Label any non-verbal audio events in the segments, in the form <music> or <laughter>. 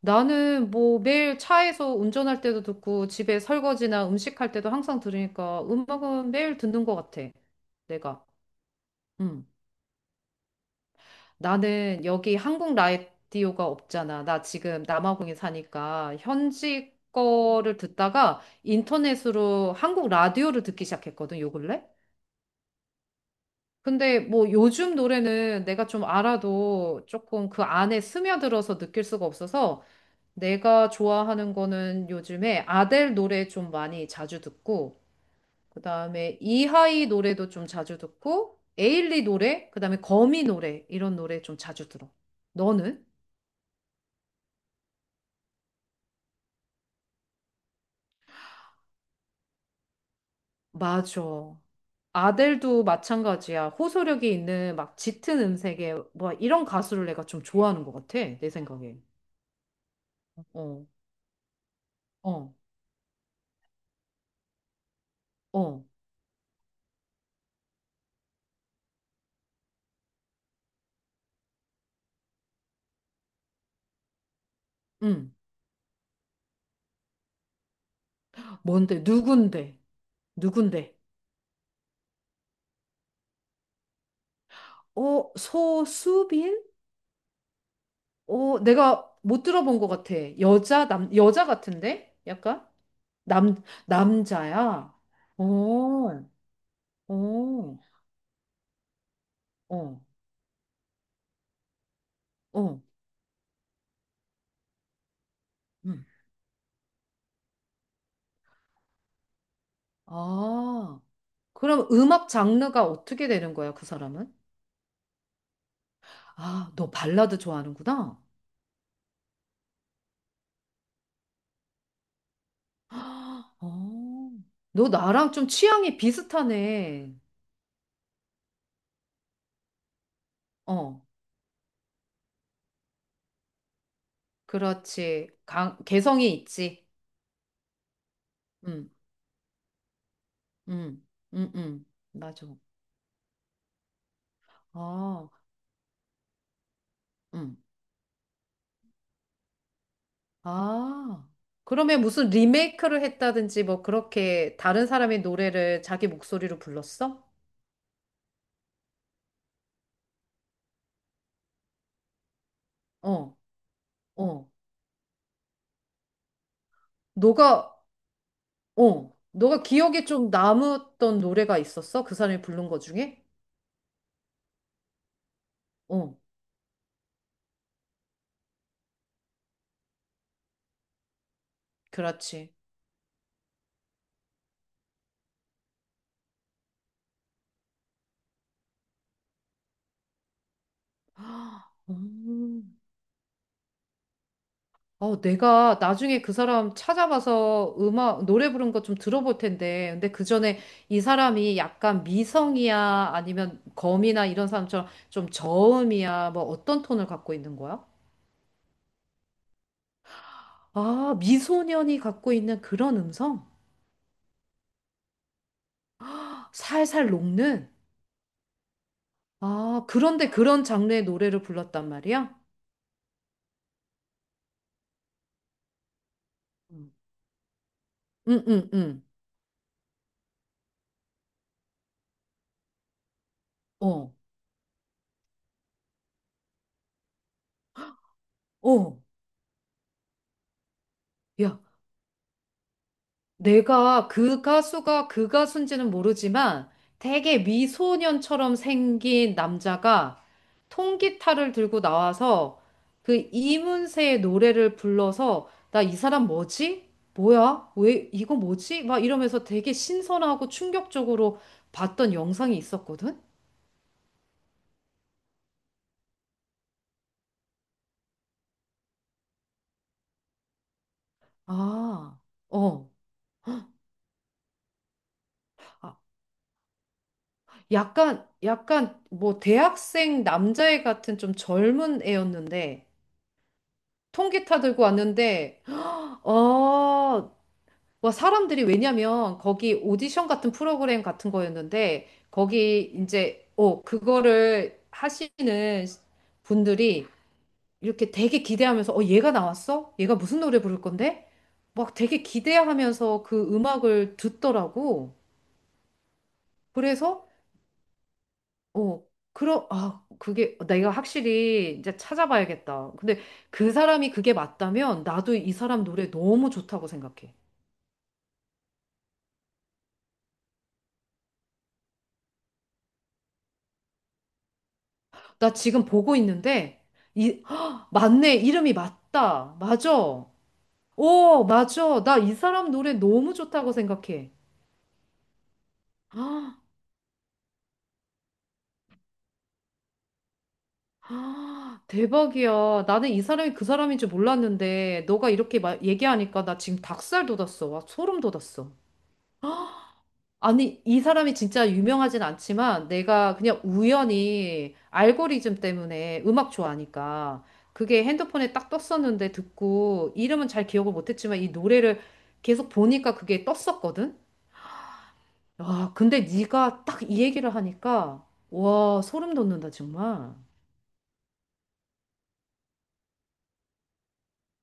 나는 뭐 매일 차에서 운전할 때도 듣고 집에 설거지나 음식할 때도 항상 들으니까 음악은 매일 듣는 것 같아. 내가. 음. 나는 여기 한국 라디오가 없잖아. 나 지금 남아공에 사니까 현지 거를 듣다가 인터넷으로 한국 라디오를 듣기 시작했거든, 요 근래? 근데 뭐 요즘 노래는 내가 좀 알아도 조금 그 안에 스며들어서 느낄 수가 없어서 내가 좋아하는 거는 요즘에 아델 노래 좀 많이 자주 듣고, 그 다음에 이하이 노래도 좀 자주 듣고, 에일리 노래, 그 다음에 거미 노래, 이런 노래 좀 자주 들어. 너는? 맞아. 아델도 마찬가지야. 호소력이 있는 막 짙은 음색의 뭐 이런 가수를 내가 좀 좋아하는 것 같아. 내 생각에. 어, 어, 어, 응. 뭔데? 누군데? 누군데? 어, 소수빈? 어, 내가 못 들어본 것 같아. 여자, 남, 여자 같은데? 약간? 남, 남자야? 어, 어, 어, 어. 음. 아, 그럼 음악 장르가 어떻게 되는 거야, 그 사람은? 아, 너 발라드 좋아하는구나. 아, 어, 너 나랑 좀 취향이 비슷하네. 어, 그렇지. 강, 개성이 있지. 응, 응, 응, 응. 맞아. 아, 응. 아, 그러면 무슨 리메이크를 했다든지 뭐 그렇게 다른 사람의 노래를 자기 목소리로 불렀어? 어, 어. 너가, 어, 너가 기억에 좀 남았던 노래가 있었어? 그 사람이 부른 거 중에? 어, 그렇지. 음. 어, 내가 나중에 그 사람 찾아봐서 음악, 노래 부른 거 좀 들어볼 텐데. 근데 그 전에 이 사람이 약간 미성이야? 아니면 검이나 이런 사람처럼 좀 저음이야? 뭐 어떤 톤을 갖고 있는 거야? 아, 미소년이 갖고 있는 그런 음성? 살살 녹는? 아, 그런데 그런 장르의 노래를 불렀단 말이야? 음. 응, 응, 응. 어, 어. 야, 내가 그 가수가 그 가수인지는 모르지만 되게 미소년처럼 생긴 남자가 통기타를 들고 나와서 그 이문세의 노래를 불러서 나 이 사람 뭐지? 뭐야? 왜 이거 뭐지? 막 이러면서 되게 신선하고 충격적으로 봤던 영상이 있었거든? 아, 어. 아, 약간, 약간 뭐 대학생 남자애 같은 좀 젊은 애였는데 통기타 들고 왔는데 어, 와, 사람들이 왜냐면 거기 오디션 같은 프로그램 같은 거였는데 거기 이제 어, 그거를 하시는 분들이 이렇게 되게 기대하면서 어, 얘가 나왔어? 얘가 무슨 노래 부를 건데? 막 되게 기대하면서 그 음악을 듣더라고. 그래서 어, 그러 아, 그게 내가 확실히 이제 찾아봐야겠다. 근데 그 사람이 그게 맞다면 나도 이 사람 노래 너무 좋다고 생각해. 나 지금 보고 있는데, 이, <gasps> 헉, 맞네. 이름이 맞다. 맞아. 오, 맞아. 나 이 사람 노래 너무 좋다고 생각해. <gasps> 아, 아, 대박이야. 나는 이 사람이 그 사람인 줄 몰랐는데, 너가 이렇게 얘기하니까 나 지금 닭살 돋았어. 와, 소름 돋았어. 아니, 이 사람이 진짜 유명하진 않지만 내가 그냥 우연히 알고리즘 때문에 음악 좋아하니까 그게 핸드폰에 딱 떴었는데 듣고 이름은 잘 기억을 못했지만 이 노래를 계속 보니까 그게 떴었거든? 와, 근데 네가 딱 이 얘기를 하니까 와, 소름 돋는다, 정말.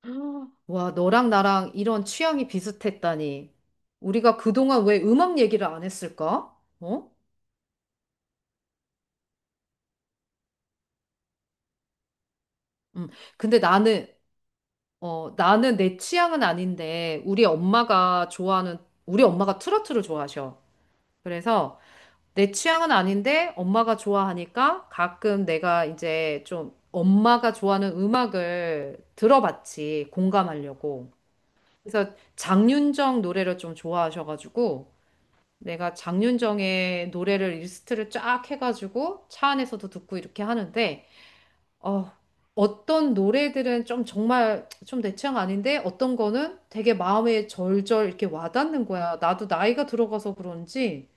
<gasps> 와, 너랑 나랑 이런 취향이 비슷했다니. 우리가 그동안 왜 음악 얘기를 안 했을까? 어? 음, 근데 나는 어, 나는 내 취향은 아닌데, 우리 엄마가 좋아하는, 우리 엄마가 트로트를 좋아하셔. 그래서 내 취향은 아닌데, 엄마가 좋아하니까 가끔 내가 이제 좀 엄마가 좋아하는 음악을 들어봤지, 공감하려고. 그래서 장윤정 노래를 좀 좋아하셔가지고, 내가 장윤정의 노래를 리스트를 쫙 해가지고 차 안에서도 듣고 이렇게 하는데, 어, 어떤 노래들은 좀 정말 좀 내 취향 아닌데 어떤 거는 되게 마음에 절절 이렇게 와닿는 거야. 나도 나이가 들어가서 그런지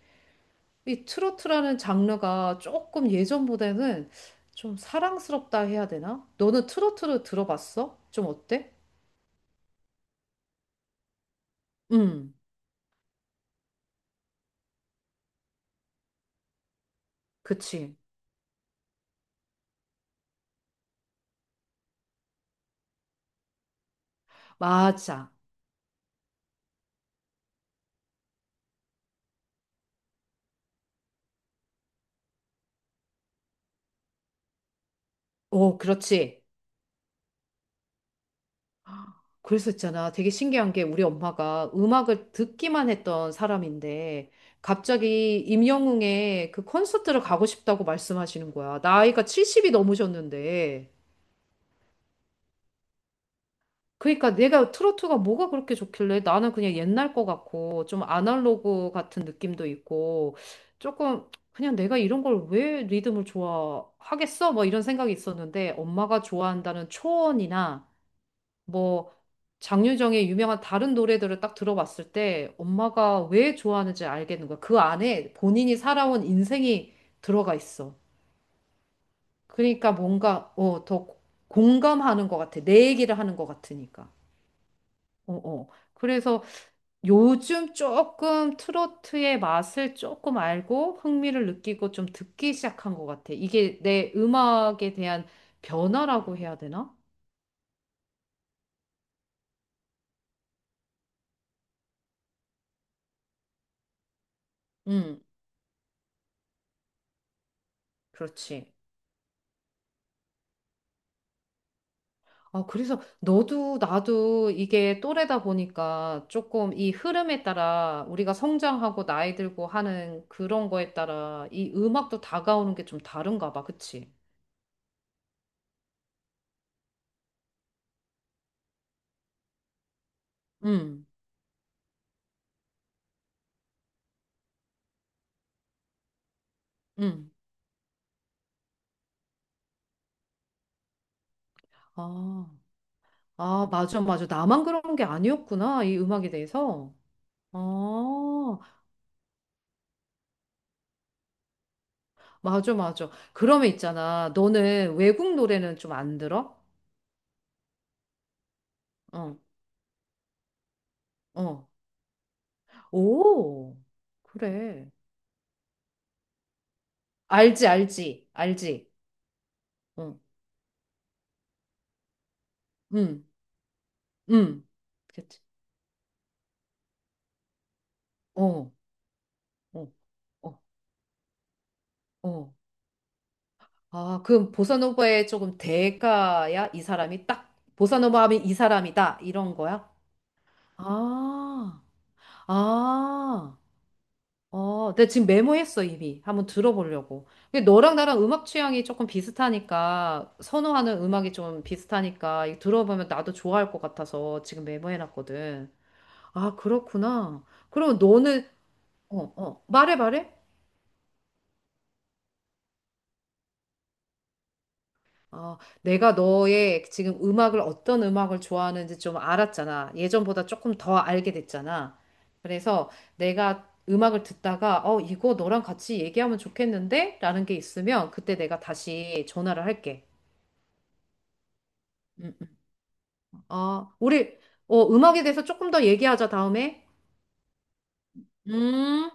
이 트로트라는 장르가 조금 예전보다는 좀 사랑스럽다 해야 되나? 너는 트로트를 들어봤어? 좀 어때? 음, 그치. 맞아. 오, 그렇지. 그래서 있잖아. 되게 신기한 게 우리 엄마가 음악을 듣기만 했던 사람인데 갑자기 임영웅의 그 콘서트를 가고 싶다고 말씀하시는 거야. 나이가 70이 넘으셨는데. 그러니까 내가 트로트가 뭐가 그렇게 좋길래 나는 그냥 옛날 거 같고 좀 아날로그 같은 느낌도 있고 조금 그냥 내가 이런 걸 왜 리듬을 좋아하겠어? 뭐 이런 생각이 있었는데 엄마가 좋아한다는 초원이나 뭐 장윤정의 유명한 다른 노래들을 딱 들어봤을 때 엄마가 왜 좋아하는지 알겠는 거야. 그 안에 본인이 살아온 인생이 들어가 있어. 그러니까 뭔가 어, 더 공감하는 것 같아. 내 얘기를 하는 것 같으니까. 어, 어. 그래서 요즘 조금 트로트의 맛을 조금 알고 흥미를 느끼고 좀 듣기 시작한 것 같아. 이게 내 음악에 대한 변화라고 해야 되나? 음, 그렇지. 아, 그래서 너도 나도 이게 또래다 보니까 조금 이 흐름에 따라 우리가 성장하고 나이 들고 하는 그런 거에 따라 이 음악도 다가오는 게 좀 다른가 봐. 그치? 응, 응. 아, 아, 맞아, 맞아. 나만 그런 게 아니었구나. 이 음악에 대해서. 아, 맞아, 맞아. 그러면 있잖아. 너는 외국 노래는 좀 안 들어? 어, 어. 오, 그래. 알지, 알지, 알지. 응. 응. 음, 그치. 어, 어, 어, 어. 아, 그럼 보사노바에 조금 대가야? 이 사람이 딱, 보사노바 하면 이 사람이다. 이런 거야? 아, 아, 어, 내가 지금 메모했어, 이미. 한번 들어보려고. 근데 너랑 나랑 음악 취향이 조금 비슷하니까, 선호하는 음악이 좀 비슷하니까, 이거 들어보면 나도 좋아할 것 같아서 지금 메모해놨거든. 아, 그렇구나. 그럼 너는, 어, 어, 말해, 말해. 어, 내가 너의 지금 음악을 어떤 음악을 좋아하는지 좀 알았잖아. 예전보다 조금 더 알게 됐잖아. 그래서 내가 음악을 듣다가 어, 이거 너랑 같이 얘기하면 좋겠는데? 라는 게 있으면 그때 내가 다시 전화를 할게. 음, 어, 우리 어, 음악에 대해서 조금 더 얘기하자 다음에. 음.